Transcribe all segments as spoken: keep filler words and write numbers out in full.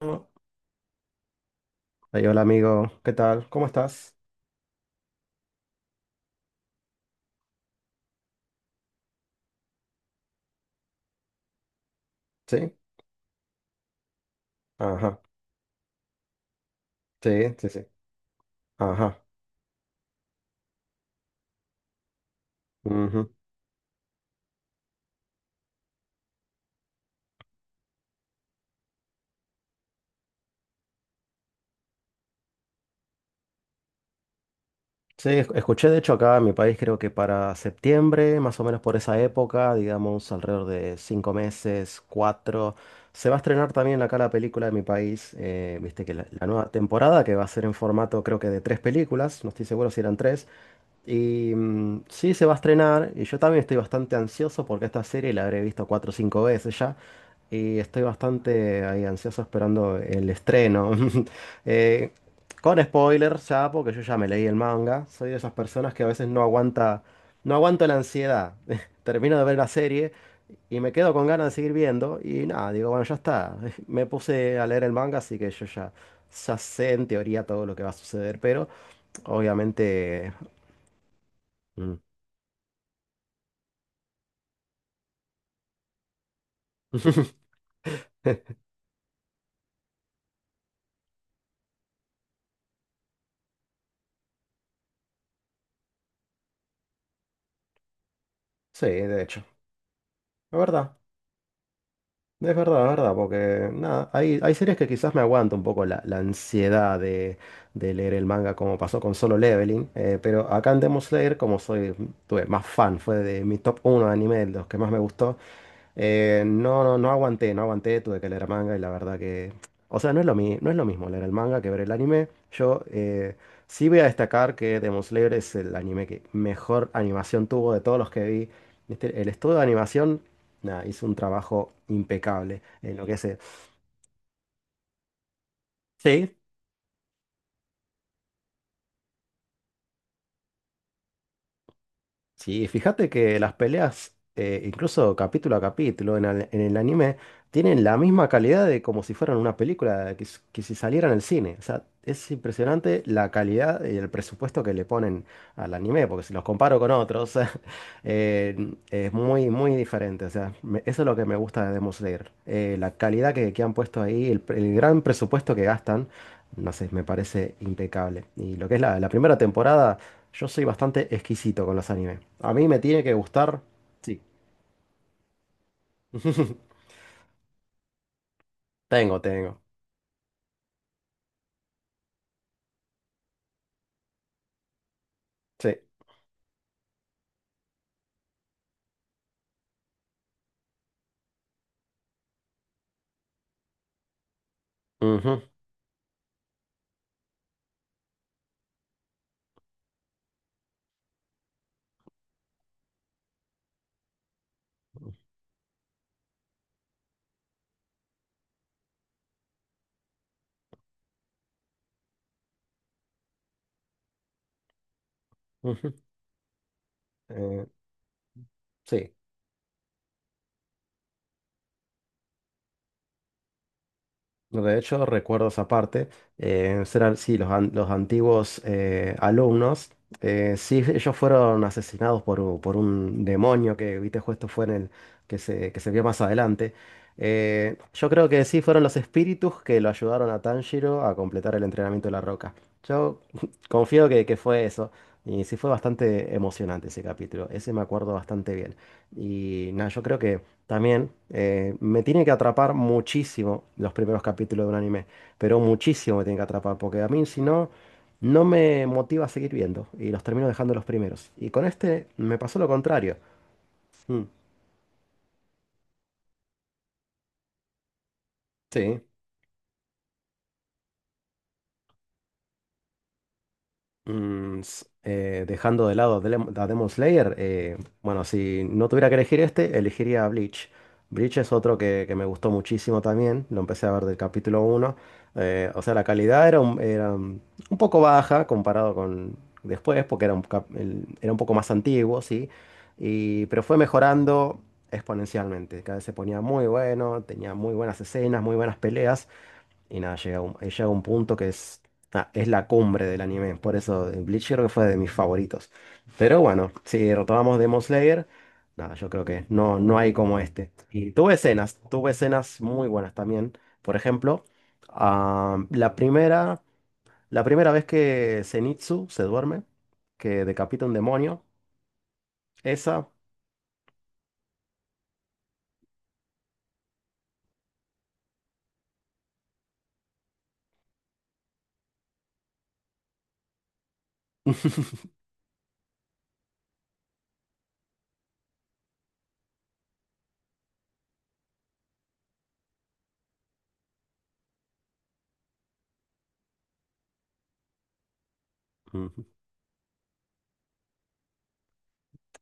Ahí, hola amigo, ¿qué tal? ¿Cómo estás? Sí, ajá, sí, sí, sí, ajá. Ujú. Sí, es- escuché de hecho acá en mi país, creo que para septiembre, más o menos por esa época, digamos alrededor de cinco meses, cuatro, se va a estrenar también acá la película de mi país, eh, viste que la, la nueva temporada que va a ser en formato creo que de tres películas, no estoy seguro si eran tres, y mm, sí se va a estrenar, y yo también estoy bastante ansioso porque esta serie la habré visto cuatro o cinco veces ya. Y estoy bastante ahí ansioso esperando el estreno. Eh, con spoilers ya, porque yo ya me leí el manga. Soy de esas personas que a veces no aguanta, no aguanto la ansiedad. Termino de ver la serie y me quedo con ganas de seguir viendo. Y nada, digo, bueno, ya está. Me puse a leer el manga, así que yo ya, ya sé en teoría todo lo que va a suceder. Pero obviamente. mm. Sí, de hecho. La verdad. Es verdad, es verdad, porque nada, hay, hay series que quizás me aguanta un poco la, la ansiedad de, de leer el manga como pasó con Solo Leveling, eh, pero acá en Demon Slayer, como soy, tuve más fan, fue de mi top uno de anime, de los que más me gustó, eh, no, no, no aguanté, no aguanté, tuve que leer manga y la verdad que... O sea, no es lo mi- no es lo mismo leer el manga que ver el anime. Yo eh, sí voy a destacar que Demon Slayer es el anime que mejor animación tuvo de todos los que vi. Este- el estudio de animación, nada, hizo un trabajo impecable en lo que es... eh, Sí, sí, fíjate que las peleas, eh, incluso capítulo a capítulo en el, en el anime, tienen la misma calidad de como si fueran una película que, s- que si saliera en el cine. O sea, es impresionante la calidad y el presupuesto que le ponen al anime, porque si los comparo con otros, eh, es muy, muy diferente. O sea, me- eso es lo que me gusta de Demon Slayer. Eh, la calidad que, que han puesto ahí, el, pre- el gran presupuesto que gastan, no sé, me parece impecable. Y lo que es la la primera temporada. Yo soy bastante exquisito con los animes. A mí me tiene que gustar. Sí. Tengo, tengo. Sí. Ujú, ujú. Eh, sí. No, de hecho, recuerdo esa parte. Eh, serán, sí, los, an- los antiguos eh, alumnos. Eh, sí, ellos fueron asesinados por, u- por un demonio que, viste, justo fue en el que se, que se vio más adelante. Eh, yo creo que sí fueron los espíritus que lo ayudaron a Tanjiro a completar el entrenamiento de la roca. Yo confío que, que fue eso. Y sí fue bastante emocionante ese capítulo. Ese me acuerdo bastante bien. Y nada, yo creo que. También, eh, me tiene que atrapar muchísimo los primeros capítulos de un anime, pero muchísimo me tiene que atrapar, porque a mí si no, no me motiva a seguir viendo y los termino dejando los primeros. Y con este me pasó lo contrario. Mm, sí. Mm, s- eh, dejando de lado a Dem- a Demon Slayer, eh, bueno, si no tuviera que elegir este, elegiría Bleach. Bleach es otro que, que me gustó muchísimo también, lo empecé a ver del capítulo uno, eh, o sea, la calidad era un, era un un poco baja comparado con después, porque era un, cap- el- era un poco más antiguo, sí, y, pero fue mejorando exponencialmente. Cada vez se ponía muy bueno, tenía muy buenas escenas, muy buenas peleas. Y nada, llega un, eh, llega un punto que es, ah, es la cumbre del anime. Por eso, eh, Bleach creo que fue de mis favoritos. Pero bueno, si retomamos Demon Slayer, nada, yo creo que no, no hay como este. Y tuve escenas, tuve escenas muy buenas también. Por ejemplo, ah, la primera, la primera vez que Zenitsu se duerme, que decapita un demonio, esa.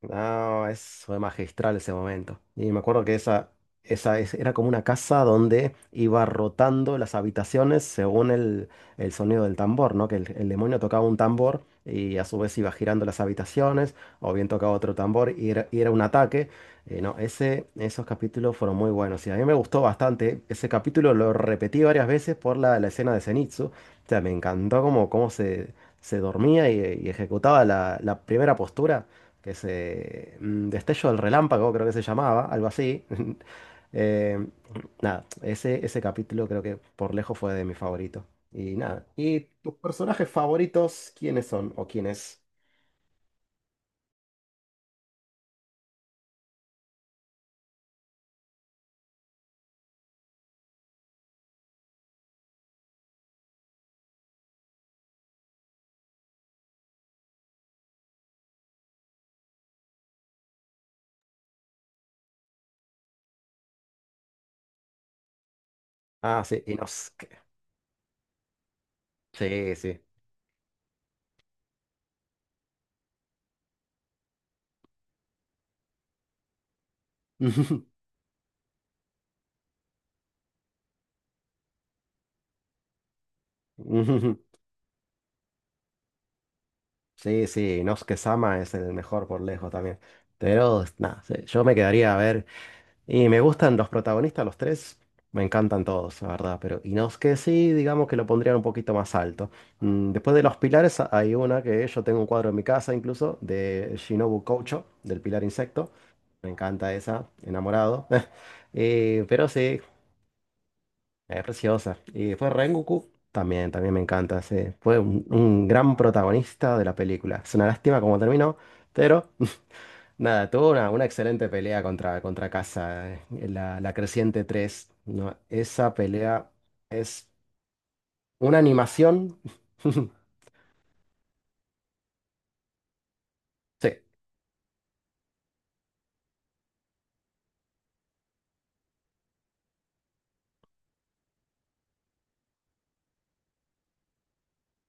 No, es, fue magistral ese momento. Y me acuerdo que esa, esa es- era como una casa donde iba rotando las habitaciones según el, el sonido del tambor, ¿no? Que el, el demonio tocaba un tambor y a su vez iba girando las habitaciones, o bien tocaba otro tambor y era, y era un ataque. Eh, no, ese, esos capítulos fueron muy buenos y a mí me gustó bastante. Ese capítulo lo repetí varias veces por la, la escena de Zenitsu. O sea, me encantó cómo, cómo se, se dormía y, y ejecutaba la la primera postura que se... mm, Destello del Relámpago, creo que se llamaba, algo así. Eh, Nada, ese, ese capítulo creo que por lejos fue de mi favorito. Y nada, ¿y tus personajes favoritos quiénes son o quién es? Ah, sí, Inosuke. Sí, sí. Ujú. Sí, sí, Inosuke-sama es el mejor por lejos también. Pero nada, sí, yo me quedaría a ver. Y me gustan los protagonistas, los tres. Me encantan todos, la verdad. Pero Inosuke sí, digamos que lo pondrían un poquito más alto. Mm, Después de los pilares, a- hay una que yo tengo un cuadro en mi casa, incluso de Shinobu Koucho, del pilar insecto. Me encanta esa, enamorado. Eh, pero sí, es preciosa. Y después Rengoku también, también me encanta. Sí. Fue un, un gran protagonista de la película. Es una lástima como terminó, pero. Nada, tuvo una, una excelente pelea contra, contra Casa, eh, la, la Creciente tres, ¿no? Esa pelea es una animación. Sí.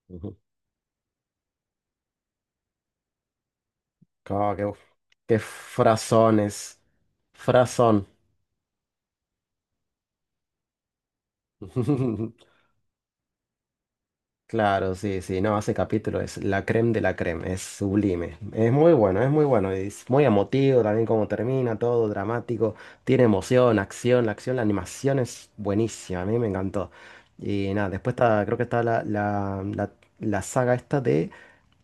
Ujú. Como que, uf, qué frasones. Frasón. Claro, sí, sí, no, ese capítulo es la creme de la creme, es sublime, es muy bueno, es muy bueno, es muy emotivo también como termina, todo dramático, tiene emoción, acción, la acción, la animación es buenísima, a mí me encantó. Y nada, después está, creo que está la, la, la, la saga esta de,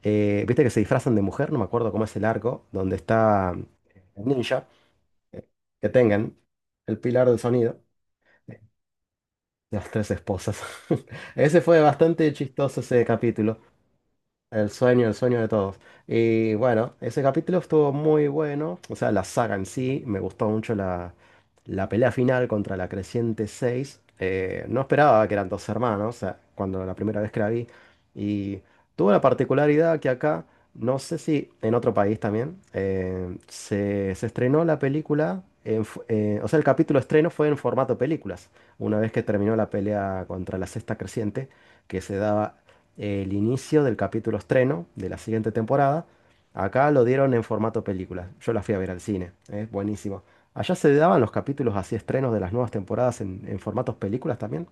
eh, viste que se disfrazan de mujer, no me acuerdo cómo es el arco, donde está el ninja, que tengan el pilar del sonido, eh, las tres esposas. Ese fue bastante chistoso ese capítulo. El sueño, el sueño de todos. Y bueno, ese capítulo estuvo muy bueno. O sea, la saga en sí, me gustó mucho la, la pelea final contra la Creciente seis. Eh, no esperaba que eran dos hermanos, o sea, cuando la primera vez que la vi. Y tuvo la particularidad que acá, no sé si en otro país también, eh, se, se estrenó la película, en f- eh, o sea, el capítulo estreno fue en formato películas. Una vez que terminó la pelea contra la Sexta Creciente, que se daba el inicio del capítulo estreno de la siguiente temporada. Acá lo dieron en formato película. Yo la fui a ver al cine. Es buenísimo. ¿Allá se daban los capítulos así estrenos de las nuevas temporadas en, en formatos películas también?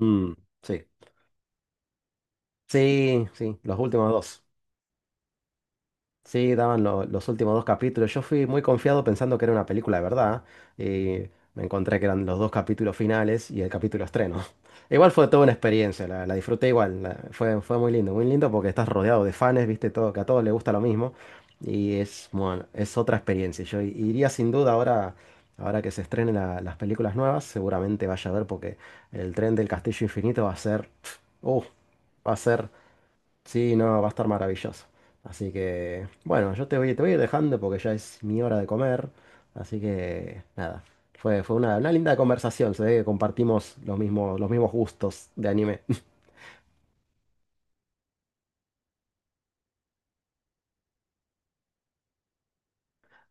Mm, sí. Sí, sí, los últimos dos. Sí, daban lo- los últimos dos capítulos. Yo fui muy confiado pensando que era una película de verdad. Y me encontré que eran los dos capítulos finales y el capítulo estreno. Igual fue toda una experiencia, la, la disfruté igual. la- fue, fue muy lindo, muy lindo porque estás rodeado de fans, viste todo, que a todos les gusta lo mismo. Y es, bueno, es otra experiencia. Yo iría sin duda ahora, ahora que se estrenen la- las películas nuevas, seguramente vaya a ver porque el tren del Castillo Infinito va a ser. Uh, Va a ser. Sí, no, va a estar maravilloso. Así que, bueno, yo te voy, te voy a ir dejando porque ya es mi hora de comer. Así que, nada, fue, fue una, una linda conversación. Se ve que compartimos los mismos, los mismos gustos de anime.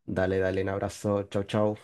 Dale, dale, un abrazo. Chau, chau.